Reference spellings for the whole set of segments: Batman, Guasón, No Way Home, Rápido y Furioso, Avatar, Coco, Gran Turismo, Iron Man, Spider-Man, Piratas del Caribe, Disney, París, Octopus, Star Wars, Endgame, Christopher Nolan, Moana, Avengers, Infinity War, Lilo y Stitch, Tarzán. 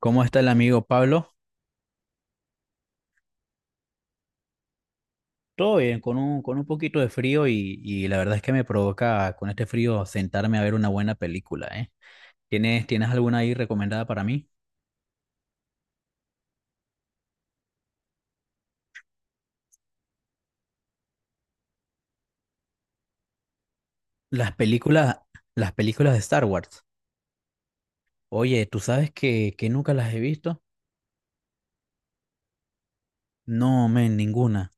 ¿Cómo está el amigo Pablo? Todo bien, con con un poquito de frío y la verdad es que me provoca con este frío sentarme a ver una buena película, ¿eh? ¿ tienes alguna ahí recomendada para mí? Las películas, las películas de Star Wars. Oye, ¿tú sabes que nunca las he visto? No, men, ninguna.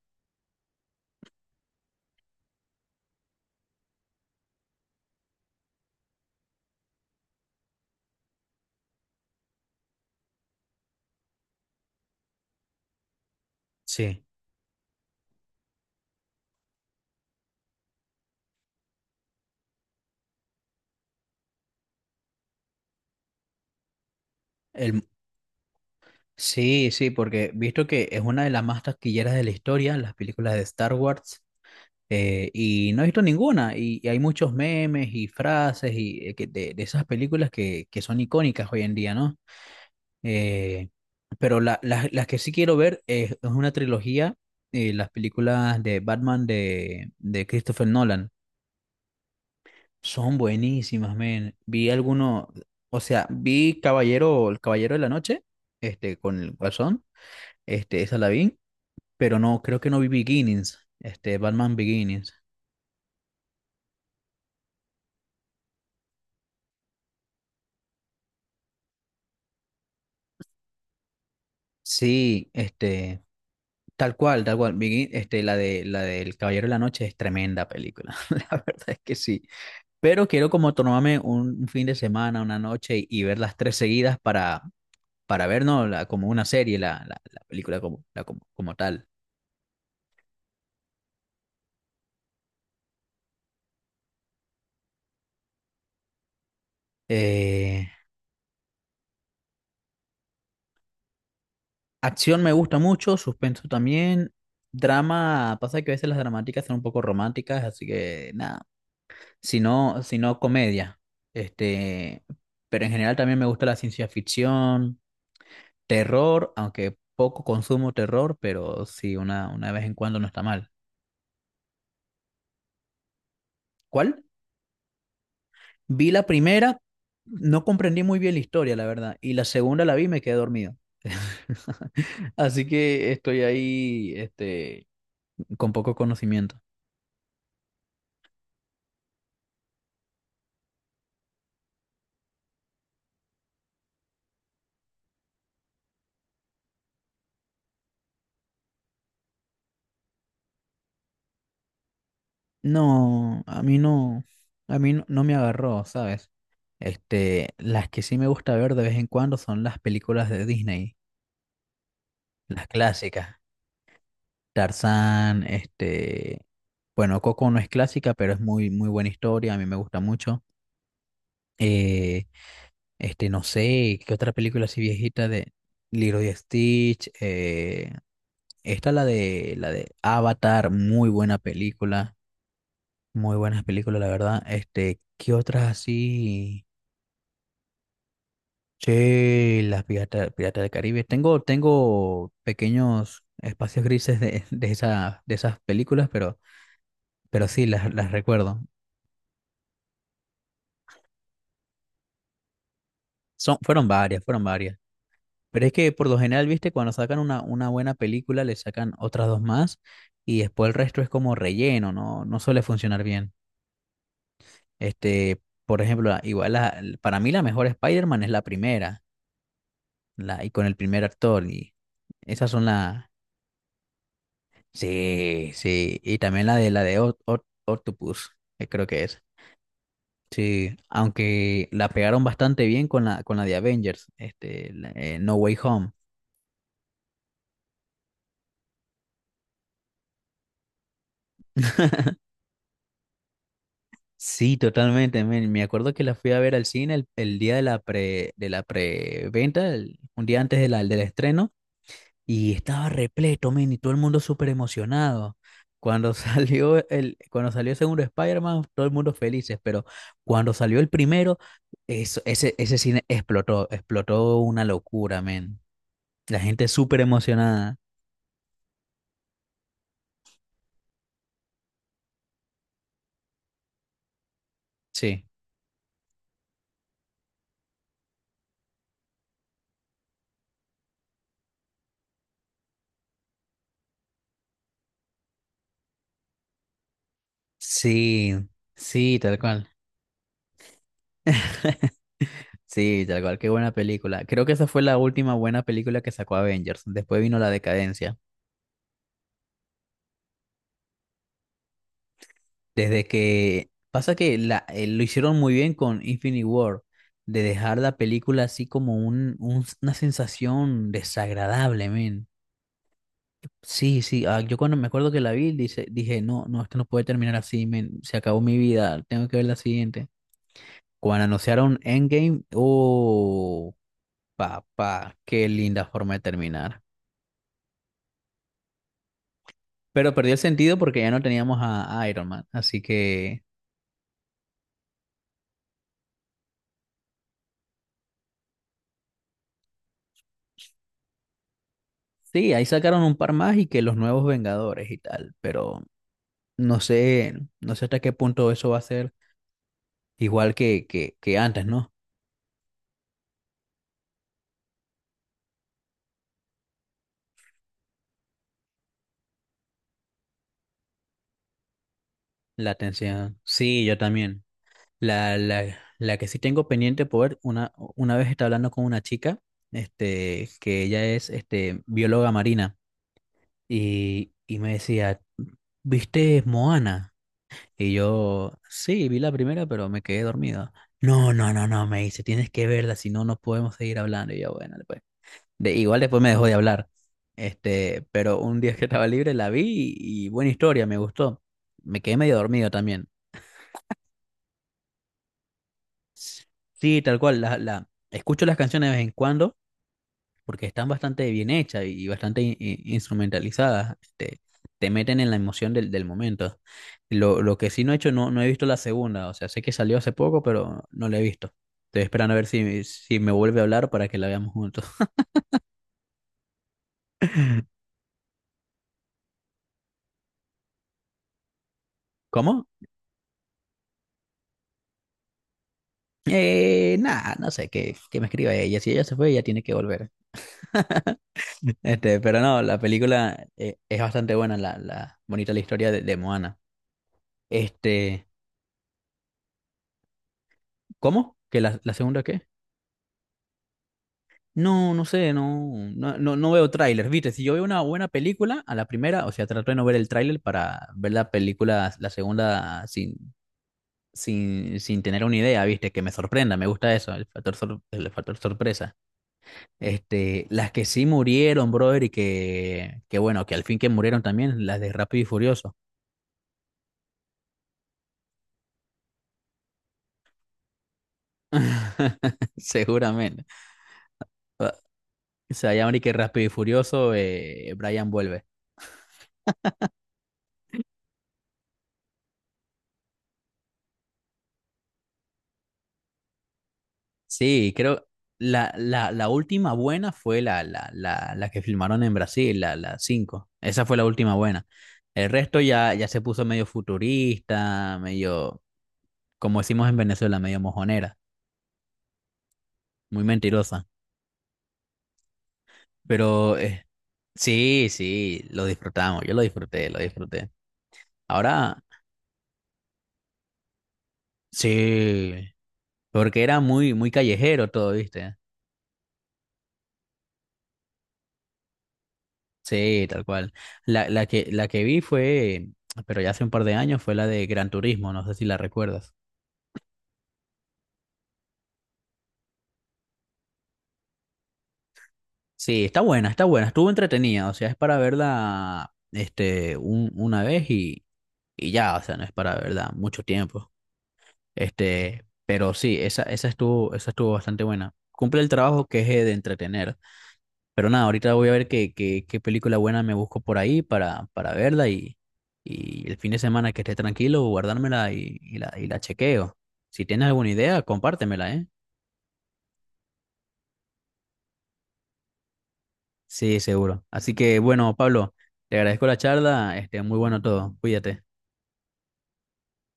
Sí. El, sí, sí, porque visto que es una de las más taquilleras de la historia, las películas de Star Wars. Y no he visto ninguna, y hay muchos memes y frases y, de esas películas que son icónicas hoy en día, ¿no? Eh, las que sí quiero ver es una trilogía, las películas de Batman de Christopher Nolan. Son buenísimas, men. Vi alguno, o sea, vi Caballero, El Caballero de la Noche, con el Guasón, esa la vi, pero no, creo que no vi Beginnings, Batman Beginnings. Sí, tal cual, tal cual. La del Caballero de la Noche es tremenda película. La verdad es que sí. Pero quiero como tomarme un fin de semana, una noche y ver las tres seguidas para ver, ¿no? Como una serie, la película como tal. Eh, Acción me gusta mucho, suspenso también. Drama, pasa que a veces las dramáticas son un poco románticas, así que nada. Si no, si no, comedia. Este, pero en general también me gusta la ciencia ficción. Terror, aunque poco consumo terror, pero sí, una vez en cuando no está mal. ¿Cuál? Vi la primera, no comprendí muy bien la historia, la verdad, y la segunda la vi y me quedé dormido. Así que estoy ahí, con poco conocimiento. No, a mí no, a mí no, no me agarró, ¿sabes? Las que sí me gusta ver de vez en cuando son las películas de Disney, las clásicas. Tarzán, bueno, Coco no es clásica, pero es muy, muy buena historia, a mí me gusta mucho. Eh, no sé, ¿qué otra película así viejita de Lilo y Stitch? Esta la de Avatar, muy buena película, muy buenas películas, la verdad. ¿Qué otras así? Che, las Pirata del Caribe. Tengo, tengo pequeños espacios grises de, de esas películas, pero sí, las recuerdo. Son, fueron varias, fueron varias. Pero es que por lo general, viste, cuando sacan una buena película, le sacan otras dos más y después el resto es como relleno, no, no suele funcionar bien. Este, por ejemplo, para mí la mejor Spider-Man es la primera, la, y con el primer actor, y esas son las... Sí, sí, y también la de Octopus, que creo que es. Sí, aunque la pegaron bastante bien con la de Avengers, No Way Home. Sí, totalmente, men. Me acuerdo que la fui a ver al cine el día de de la preventa, un día antes de del estreno, y estaba repleto, men, y todo el mundo súper emocionado. Cuando cuando salió el segundo Spider-Man, todo el mundo felices, pero cuando salió el primero, ese cine explotó, explotó una locura, men. La gente súper emocionada. Sí. Sí, sí, tal cual. Sí, tal cual, qué buena película. Creo que esa fue la última buena película que sacó Avengers. Después vino la decadencia. Desde que pasa que lo hicieron muy bien con Infinity War, de dejar la película así como una sensación desagradable, men. Sí, sí, ah, yo cuando me acuerdo que la vi, dije, no, no, esto no puede terminar así, men. Se acabó mi vida, tengo que ver la siguiente. Cuando anunciaron Endgame, oh, papá, qué linda forma de terminar. Pero perdió el sentido porque ya no teníamos a Iron Man. Así que sí, ahí sacaron un par más y que los nuevos Vengadores y tal. Pero no sé, no sé hasta qué punto eso va a ser igual que antes, ¿no? La atención. Sí, yo también. La que sí tengo pendiente poder, una vez estaba hablando con una chica, que ella es bióloga marina, y me decía, ¿viste Moana? Y yo, sí, vi la primera, pero me quedé dormido. No, no, no, no, me dice, tienes que verla, si no, no podemos seguir hablando. Y yo, bueno, después igual después me dejó de hablar. Pero un día que estaba libre la vi y buena historia, me gustó. Me quedé medio dormido también. Sí, tal cual, escucho las canciones de vez en cuando porque están bastante bien hechas y bastante instrumentalizadas. Te meten en la emoción del, del momento. Lo que sí no he hecho, no, no he visto la segunda. O sea, sé que salió hace poco, pero no la he visto. Estoy esperando a ver si, si me vuelve a hablar para que la veamos juntos. ¿Cómo? Nada, no sé, que me escriba ella. Si ella se fue, ella tiene que volver. Pero no, la película es bastante buena, la bonita la historia de Moana. Este, ¿Cómo? ¿Que la segunda qué? No, no sé, no, no, no, no veo tráiler, ¿viste? Si yo veo una buena película, a la primera, o sea, trato de no ver el tráiler para ver la película, la segunda, sin, sin, sin tener una idea, ¿viste? Que me sorprenda, me gusta eso, el factor, el factor sorpresa. Las que sí murieron, brother, y que bueno, que al fin que murieron también, las de Rápido y Furioso. Seguramente. O sea, ya ahora que Rápido y Furioso, Brian vuelve. Sí, creo la última buena fue la que filmaron en Brasil, la 5. Esa fue la última buena. El resto ya, ya se puso medio futurista, medio, como decimos en Venezuela, medio mojonera, muy mentirosa. Pero sí, sí, lo disfrutamos, yo lo disfruté, lo disfruté. Ahora, sí, porque era muy, muy callejero todo, ¿viste? Sí, tal cual. La que vi fue, pero ya hace un par de años, fue la de Gran Turismo, no sé si la recuerdas. Sí, está buena, estuvo entretenida, o sea, es para verla una vez y ya, o sea, no es para verla mucho tiempo. Pero sí, esa, esa estuvo bastante buena. Cumple el trabajo que es de entretener. Pero nada, ahorita voy a ver qué, qué, qué película buena me busco por ahí para verla y el fin de semana que esté tranquilo, guardármela y la chequeo. Si tienes alguna idea, compártemela, ¿eh? Sí, seguro. Así que bueno, Pablo, te agradezco la charla, muy bueno todo. Cuídate.